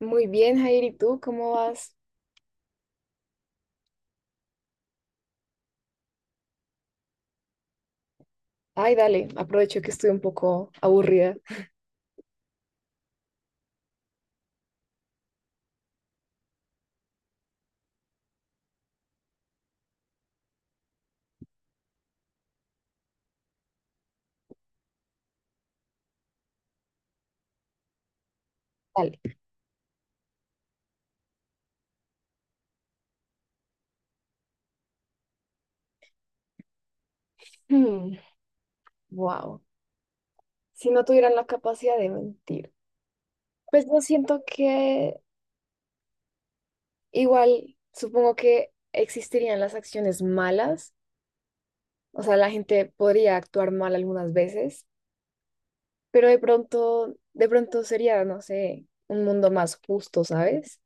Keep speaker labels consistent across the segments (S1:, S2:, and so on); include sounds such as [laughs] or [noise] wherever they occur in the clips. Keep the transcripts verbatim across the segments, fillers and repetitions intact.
S1: Muy bien, Jair, ¿y tú cómo vas? Ay, dale, aprovecho que estoy un poco aburrida. Dale. Wow. Si no tuvieran la capacidad de mentir, pues yo siento que igual, supongo que existirían las acciones malas, o sea, la gente podría actuar mal algunas veces, pero de pronto, de pronto sería, no sé, un mundo más justo, ¿sabes?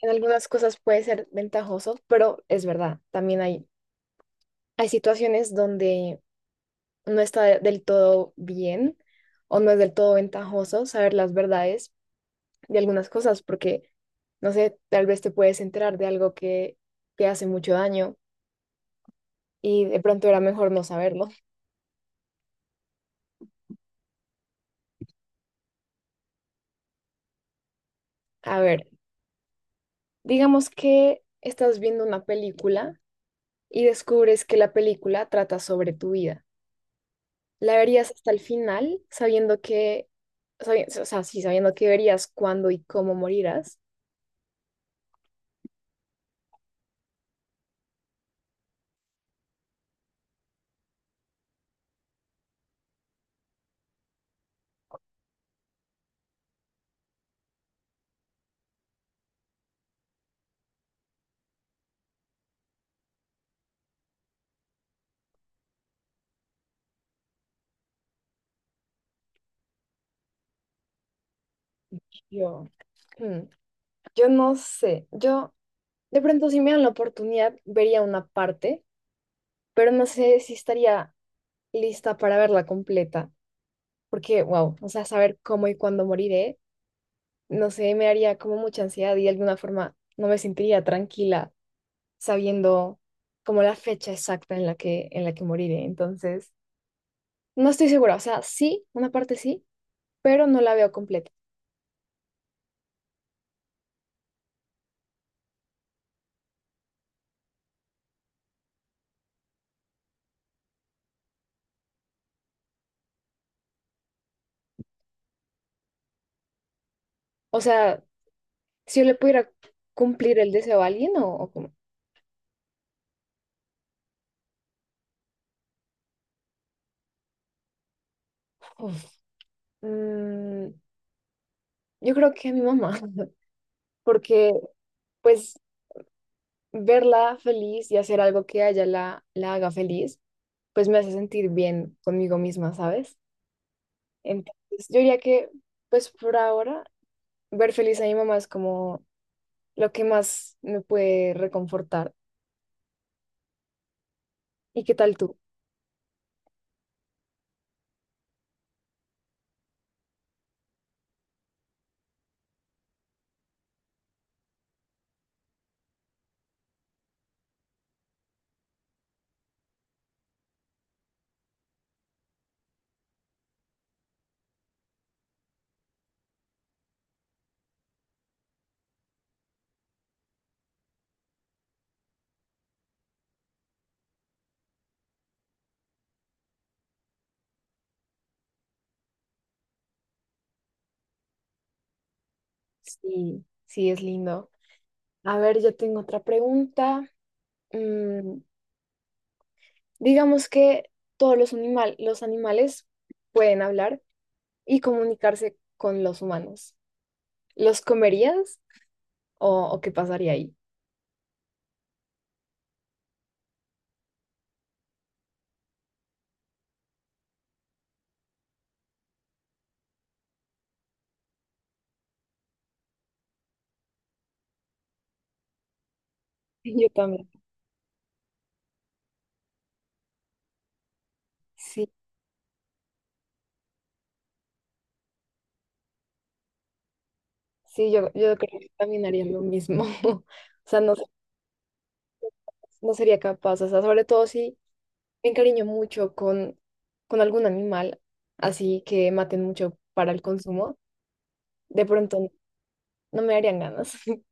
S1: En algunas cosas puede ser ventajoso, pero es verdad, también hay, hay situaciones donde no está del todo bien o no es del todo ventajoso saber las verdades de algunas cosas, porque, no sé, tal vez te puedes enterar de algo que te hace mucho daño y de pronto era mejor no saberlo. A ver, digamos que estás viendo una película y descubres que la película trata sobre tu vida. ¿La verías hasta el final sabiendo que, sabi- o sea, sí, sabiendo que verías cuándo y cómo morirás? Yo, mm, yo no sé, yo. De pronto, si me dan la oportunidad, vería una parte, pero no sé si estaría lista para verla completa, porque, wow, o sea, saber cómo y cuándo moriré, no sé, me haría como mucha ansiedad y de alguna forma no me sentiría tranquila sabiendo como la fecha exacta en la que, en la que moriré. Entonces, no estoy segura, o sea, sí, una parte sí, pero no la veo completa. O sea, si yo le pudiera cumplir el deseo a alguien o, o como, uf, mm, yo creo que a mi mamá [laughs] porque pues verla feliz y hacer algo que a ella la, la haga feliz, pues me hace sentir bien conmigo misma, ¿sabes? Entonces, yo diría que, pues por ahora, ver feliz a mi mamá es como lo que más me puede reconfortar. ¿Y qué tal tú? Sí, sí, es lindo. A ver, yo tengo otra pregunta. Mm, digamos que todos los animal, los animales pueden hablar y comunicarse con los humanos. ¿Los comerías o o qué pasaría ahí? Yo también. Sí, sí, yo, yo creo que también haría lo mismo. [laughs] O sea, no, no sería capaz. O sea, sobre todo si me encariño mucho con, con algún animal, así que maten mucho para el consumo, de pronto no me darían ganas. [laughs]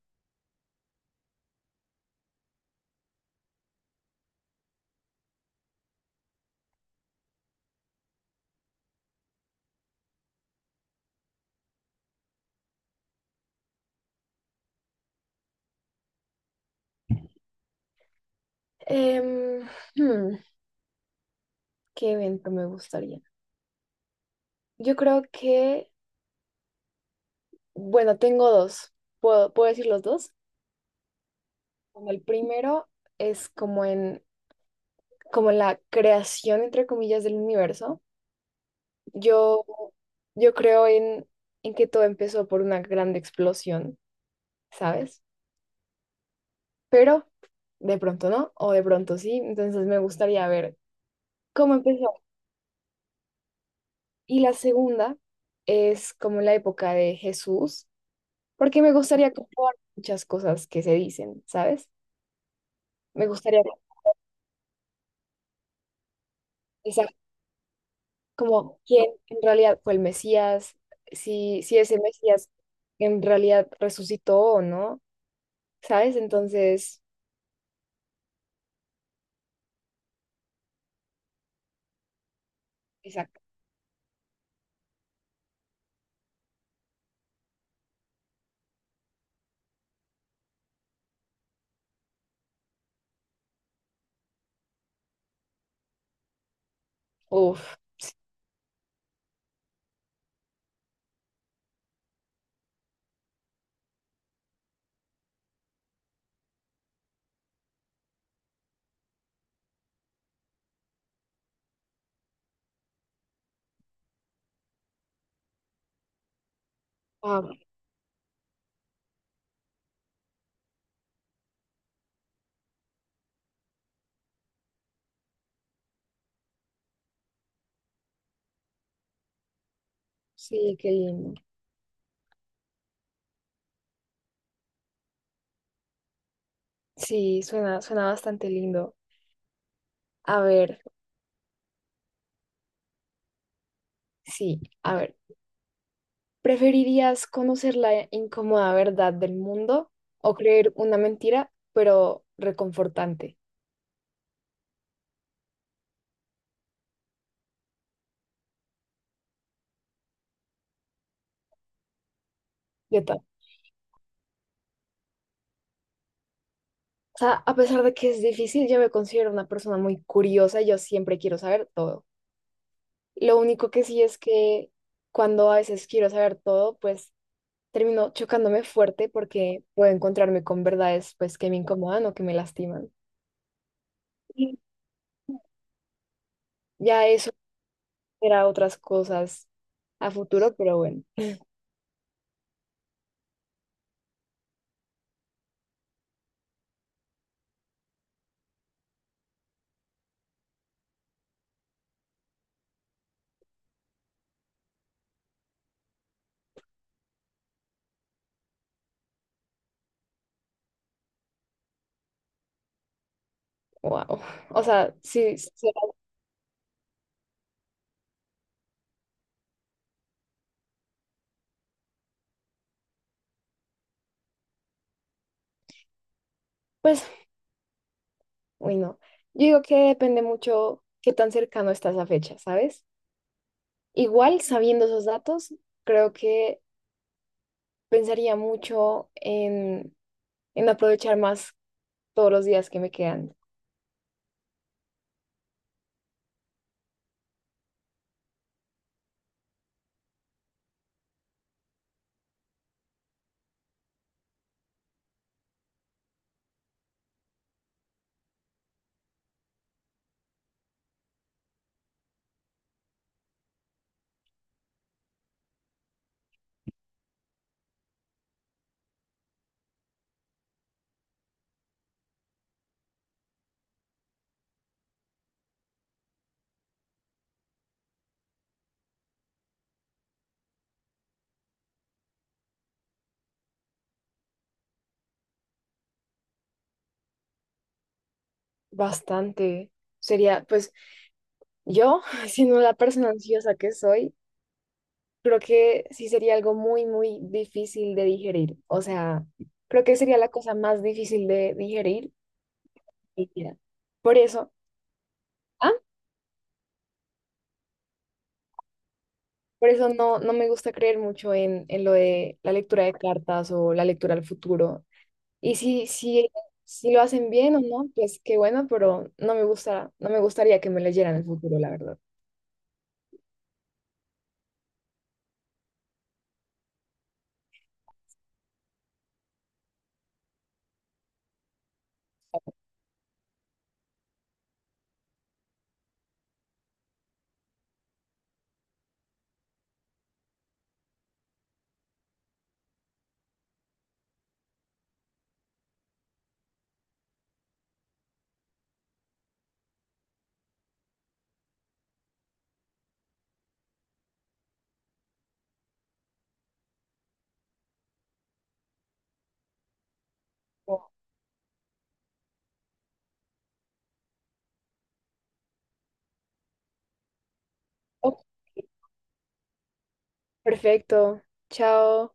S1: Em, hmm, ¿qué evento me gustaría? Yo creo que, bueno, tengo dos. ¿Puedo, puedo decir los dos? Bueno, el primero es como en, como en la creación, entre comillas, del universo. Yo, yo creo en, en que todo empezó por una grande explosión, ¿sabes? Pero de pronto no, o de pronto sí, entonces me gustaría ver cómo empezó. Y la segunda es como la época de Jesús, porque me gustaría comprobar muchas cosas que se dicen, ¿sabes? Me gustaría pensar como quién en realidad fue el Mesías, si, si ese Mesías en realidad resucitó o no, ¿sabes? Entonces, exacto. Uf. Wow. Sí, qué lindo. Sí, suena, suena bastante lindo. A ver, sí, a ver. ¿Preferirías conocer la incómoda verdad del mundo o creer una mentira, pero reconfortante? Yo ta- O sea, a pesar de que es difícil, yo me considero una persona muy curiosa y yo siempre quiero saber todo. Lo único que sí es que cuando a veces quiero saber todo, pues termino chocándome fuerte porque puedo encontrarme con verdades pues que me incomodan o que me lastiman. Y ya eso era otras cosas a futuro, pero bueno, wow. O sea, sí, sí, será- pues, uy, no. Yo digo que depende mucho qué tan cercano estás a fecha, ¿sabes? Igual, sabiendo esos datos, creo que pensaría mucho en, en, aprovechar más todos los días que me quedan. Bastante. Sería, pues yo, [laughs] siendo la persona ansiosa que soy, creo que sí sería algo muy, muy difícil de digerir. O sea, creo que sería la cosa más difícil de digerir en mi vida. Por eso, ¿ah? Por eso no, no me gusta creer mucho en, en, lo de la lectura de cartas o la lectura al futuro. Y si, si, si lo hacen bien o no, pues qué bueno, pero no me gusta, no me gustaría que me leyeran el futuro, la verdad. Como, Ok, perfecto, chao.